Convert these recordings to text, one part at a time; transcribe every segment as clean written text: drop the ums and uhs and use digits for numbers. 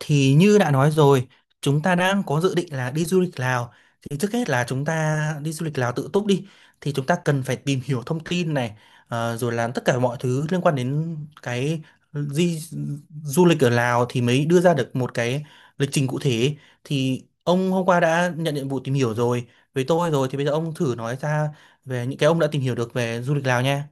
Thì như đã nói rồi, chúng ta đang có dự định là đi du lịch Lào. Thì trước hết là chúng ta đi du lịch Lào tự túc đi, thì chúng ta cần phải tìm hiểu thông tin này, rồi làm tất cả mọi thứ liên quan đến cái di du lịch ở Lào thì mới đưa ra được một cái lịch trình cụ thể. Thì ông hôm qua đã nhận nhiệm vụ tìm hiểu rồi với tôi rồi, thì bây giờ ông thử nói ra về những cái ông đã tìm hiểu được về du lịch Lào nha.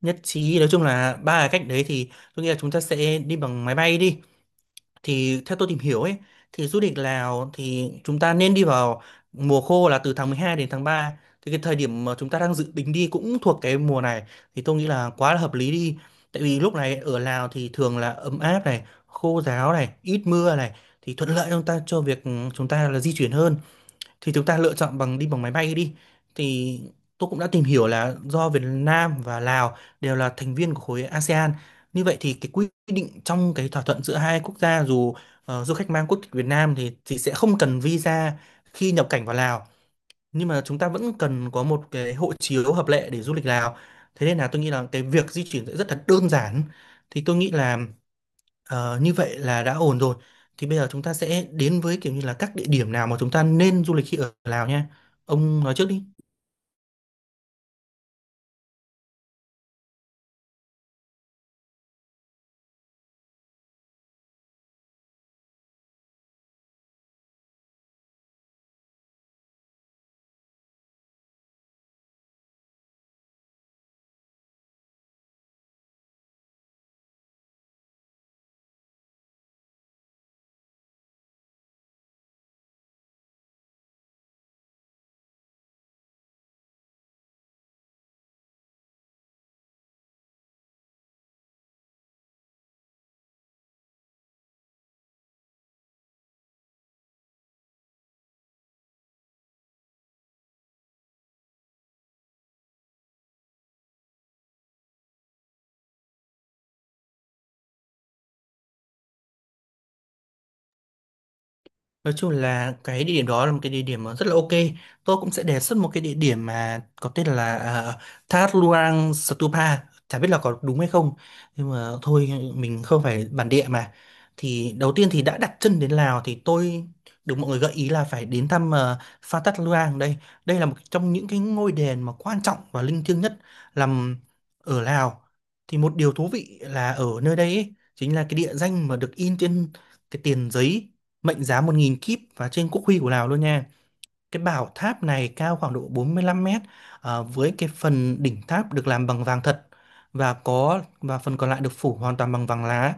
Nhất trí, nói chung là ba cái cách đấy thì tôi nghĩ là chúng ta sẽ đi bằng máy bay đi. Thì theo tôi tìm hiểu ấy, thì du lịch Lào thì chúng ta nên đi vào mùa khô là từ tháng 12 đến tháng ba. Thì cái thời điểm mà chúng ta đang dự tính đi cũng thuộc cái mùa này, thì tôi nghĩ là quá là hợp lý đi. Tại vì lúc này ở Lào thì thường là ấm áp này, khô ráo này, ít mưa này, thì thuận lợi cho chúng ta, cho việc chúng ta là di chuyển hơn. Thì chúng ta lựa chọn bằng đi bằng máy bay đi. Thì tôi cũng đã tìm hiểu là do Việt Nam và Lào đều là thành viên của khối ASEAN, như vậy thì cái quy định trong cái thỏa thuận giữa hai quốc gia dù du khách mang quốc tịch Việt Nam thì sẽ không cần visa khi nhập cảnh vào Lào, nhưng mà chúng ta vẫn cần có một cái hộ chiếu hợp lệ để du lịch Lào. Thế nên là tôi nghĩ là cái việc di chuyển sẽ rất là đơn giản. Thì tôi nghĩ là, ờ, như vậy là đã ổn rồi. Thì bây giờ chúng ta sẽ đến với kiểu như là các địa điểm nào mà chúng ta nên du lịch khi ở Lào nha. Ông nói trước đi. Nói chung là cái địa điểm đó là một cái địa điểm mà rất là ok. Tôi cũng sẽ đề xuất một cái địa điểm mà có tên là Thác Luang Stupa. Chả biết là có đúng hay không, nhưng mà thôi, mình không phải bản địa mà. Thì đầu tiên thì đã đặt chân đến Lào thì tôi được mọi người gợi ý là phải đến thăm Pha Thác Luang đây. Đây là một trong những cái ngôi đền mà quan trọng và linh thiêng nhất nằm ở Lào. Thì một điều thú vị là ở nơi đây ấy, chính là cái địa danh mà được in trên cái tiền giấy mệnh giá 1.000 kíp và trên quốc huy của Lào luôn nha. Cái bảo tháp này cao khoảng độ 45 mét, với cái phần đỉnh tháp được làm bằng vàng thật, và có và phần còn lại được phủ hoàn toàn bằng vàng lá,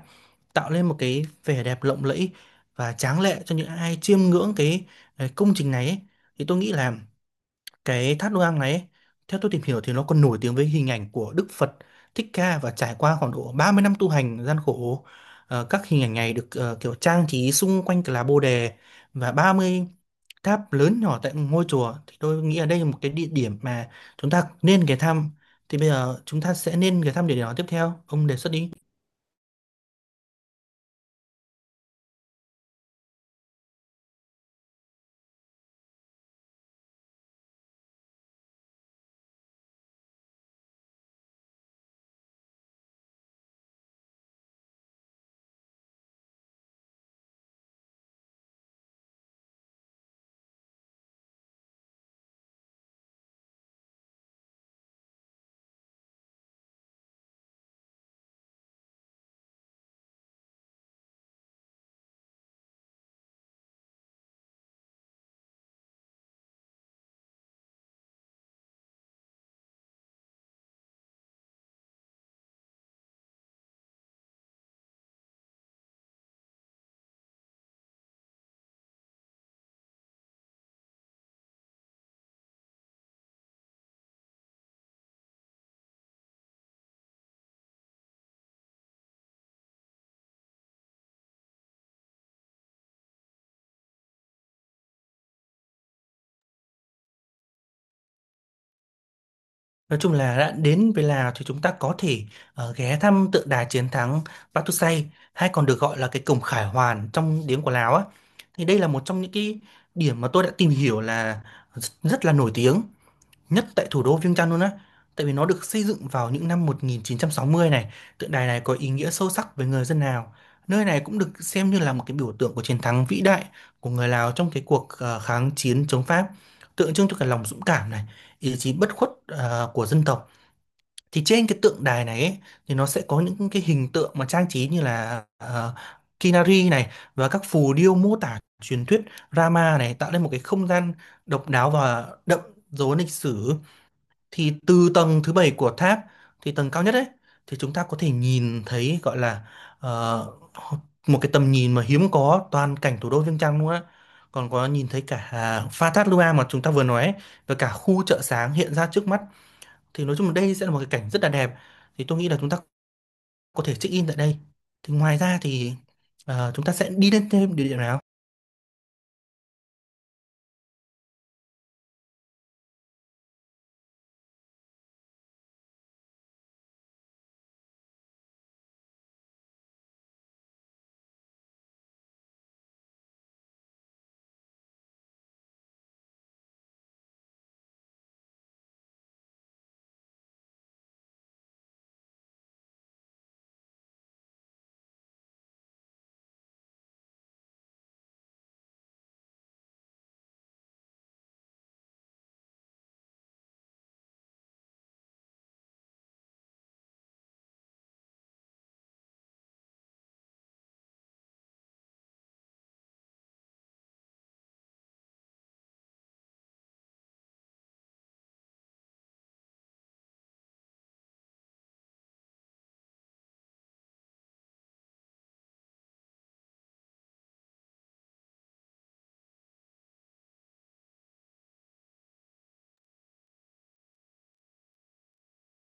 tạo lên một cái vẻ đẹp lộng lẫy và tráng lệ cho những ai chiêm ngưỡng cái công trình này ấy. Thì tôi nghĩ là cái tháp Đôi Ang này ấy, theo tôi tìm hiểu thì nó còn nổi tiếng với hình ảnh của Đức Phật Thích Ca và trải qua khoảng độ 30 năm tu hành gian khổ. Các hình ảnh này được kiểu trang trí xung quanh là lá Bồ Đề, và 30 tháp lớn nhỏ tại ngôi chùa, thì tôi nghĩ ở đây là một cái địa điểm mà chúng ta nên ghé thăm. Thì bây giờ chúng ta sẽ nên ghé thăm địa điểm nào tiếp theo? Ông đề xuất đi. Nói chung là đã đến với Lào thì chúng ta có thể ghé thăm tượng đài chiến thắng Pathusai, hay còn được gọi là cái cổng Khải Hoàn trong tiếng của Lào á. Thì đây là một trong những cái điểm mà tôi đã tìm hiểu là rất là nổi tiếng nhất tại thủ đô Viêng Chăn luôn á, tại vì nó được xây dựng vào những năm 1960 này. Tượng đài này có ý nghĩa sâu sắc với người dân Lào, nơi này cũng được xem như là một cái biểu tượng của chiến thắng vĩ đại của người Lào trong cái cuộc kháng chiến chống Pháp, tượng trưng cho cái lòng dũng cảm này, ý chí bất khuất của dân tộc. Thì trên cái tượng đài này ấy, thì nó sẽ có những cái hình tượng mà trang trí như là Kinari này và các phù điêu mô tả truyền thuyết Rama này, tạo nên một cái không gian độc đáo và đậm dấu ấn lịch sử. Thì từ tầng thứ bảy của tháp, thì tầng cao nhất ấy, thì chúng ta có thể nhìn thấy gọi là, ờ, một cái tầm nhìn mà hiếm có, toàn cảnh thủ đô Viêng Chăn luôn á, còn có nhìn thấy cả à, pha thác Lua mà chúng ta vừa nói ấy, và cả khu chợ sáng hiện ra trước mắt. Thì nói chung là đây sẽ là một cái cảnh rất là đẹp, thì tôi nghĩ là chúng ta có thể check in tại đây. Thì ngoài ra thì chúng ta sẽ đi lên thêm địa điểm nào?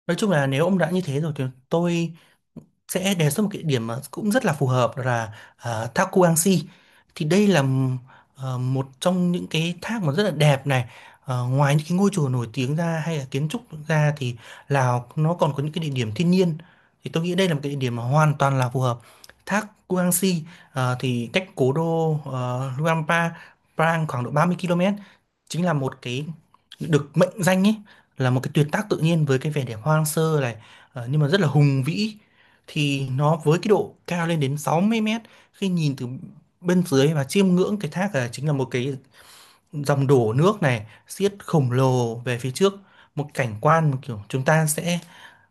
Nói chung là nếu ông đã như thế rồi thì tôi sẽ đề xuất một cái địa điểm mà cũng rất là phù hợp, đó là thác Kuangxi. Thì đây là một trong những cái thác mà rất là đẹp này. Ờ, ngoài những cái ngôi chùa nổi tiếng ra hay là kiến trúc ra, thì Lào nó còn có những cái địa điểm thiên nhiên, thì tôi nghĩ đây là một cái địa điểm mà hoàn toàn là phù hợp. Thác Kuangxi, thì cách cố đô Luang Prabang Prang khoảng độ 30 km, chính là một cái được mệnh danh ấy, là một cái tuyệt tác tự nhiên với cái vẻ đẹp hoang sơ này, nhưng mà rất là hùng vĩ. Thì nó với cái độ cao lên đến 60 mét, khi nhìn từ bên dưới và chiêm ngưỡng cái thác, là chính là một cái dòng đổ nước này xiết khổng lồ về phía trước, một cảnh quan mà kiểu chúng ta sẽ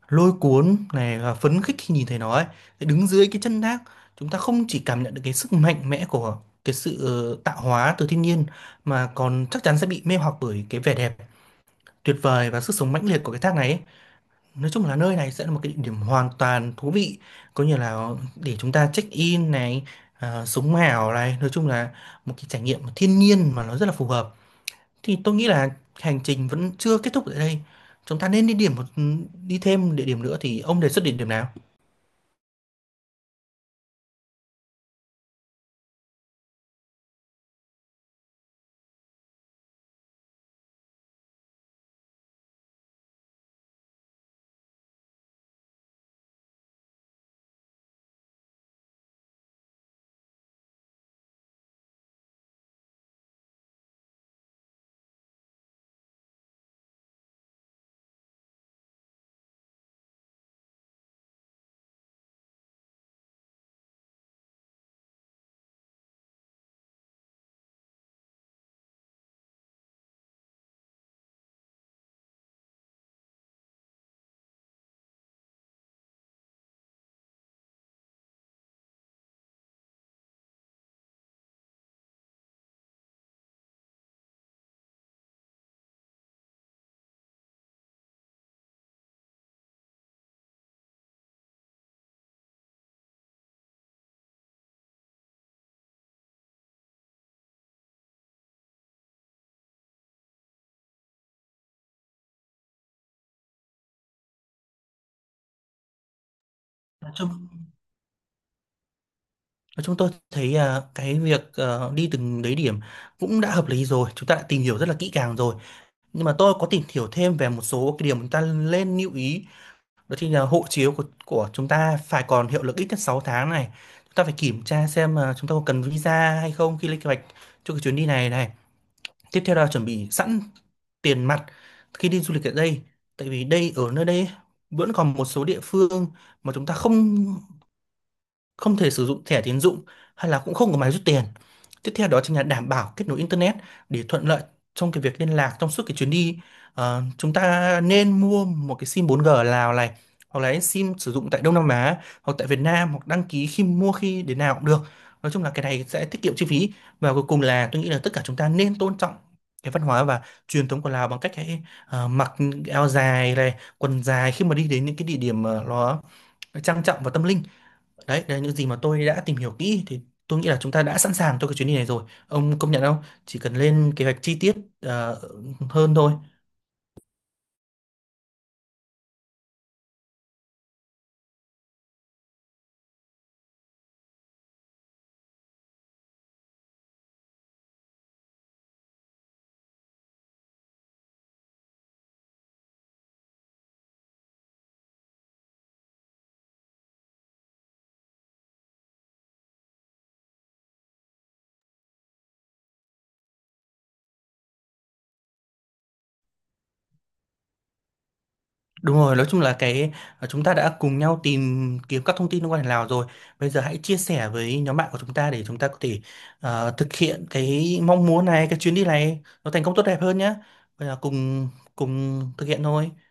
lôi cuốn này và phấn khích khi nhìn thấy nó ấy. Thế đứng dưới cái chân thác, chúng ta không chỉ cảm nhận được cái sức mạnh mẽ của cái sự tạo hóa từ thiên nhiên, mà còn chắc chắn sẽ bị mê hoặc bởi cái vẻ đẹp tuyệt vời và sức sống mãnh liệt của cái thác này ấy. Nói chung là nơi này sẽ là một cái địa điểm hoàn toàn thú vị, có như là để chúng ta check in này, à, sống ảo này. Nói chung là một cái trải nghiệm thiên nhiên mà nó rất là phù hợp. Thì tôi nghĩ là hành trình vẫn chưa kết thúc tại đây, chúng ta nên đi thêm địa điểm nữa. Thì ông đề xuất địa điểm nào? Nói chung, nói chung tôi thấy à, cái việc đi từng đấy điểm cũng đã hợp lý rồi. Chúng ta đã tìm hiểu rất là kỹ càng rồi. Nhưng mà tôi có tìm hiểu thêm về một số cái điểm chúng ta nên lưu ý. Đó thì là hộ chiếu của chúng ta phải còn hiệu lực ít nhất 6 tháng này. Chúng ta phải kiểm tra xem là chúng ta có cần visa hay không khi lên kế hoạch cho cái chuyến đi này này. Tiếp theo là chuẩn bị sẵn tiền mặt khi đi du lịch ở đây. Tại vì đây ở nơi đây ấy, vẫn còn một số địa phương mà chúng ta không không thể sử dụng thẻ tín dụng hay là cũng không có máy rút tiền. Tiếp theo đó chính là đảm bảo kết nối internet để thuận lợi trong cái việc liên lạc trong suốt cái chuyến đi. Ờ, chúng ta nên mua một cái sim 4G ở Lào này, hoặc là sim sử dụng tại Đông Nam Á hoặc tại Việt Nam, hoặc đăng ký khi mua khi đến nào cũng được. Nói chung là cái này sẽ tiết kiệm chi phí. Và cuối cùng là tôi nghĩ là tất cả chúng ta nên tôn trọng cái văn hóa và truyền thống của Lào bằng cách hãy mặc áo dài này, quần dài khi mà đi đến những cái địa điểm nó trang trọng và tâm linh. Đấy, đấy là những gì mà tôi đã tìm hiểu kỹ, thì tôi nghĩ là chúng ta đã sẵn sàng cho cái chuyến đi này rồi. Ông công nhận không? Chỉ cần lên kế hoạch chi tiết ờ, hơn thôi. Đúng rồi, nói chung là cái, chúng ta đã cùng nhau tìm kiếm các thông tin liên quan đến Lào rồi. Bây giờ hãy chia sẻ với nhóm bạn của chúng ta để chúng ta có thể thực hiện cái mong muốn này, cái chuyến đi này nó thành công tốt đẹp hơn nhé. Bây giờ cùng cùng thực hiện thôi.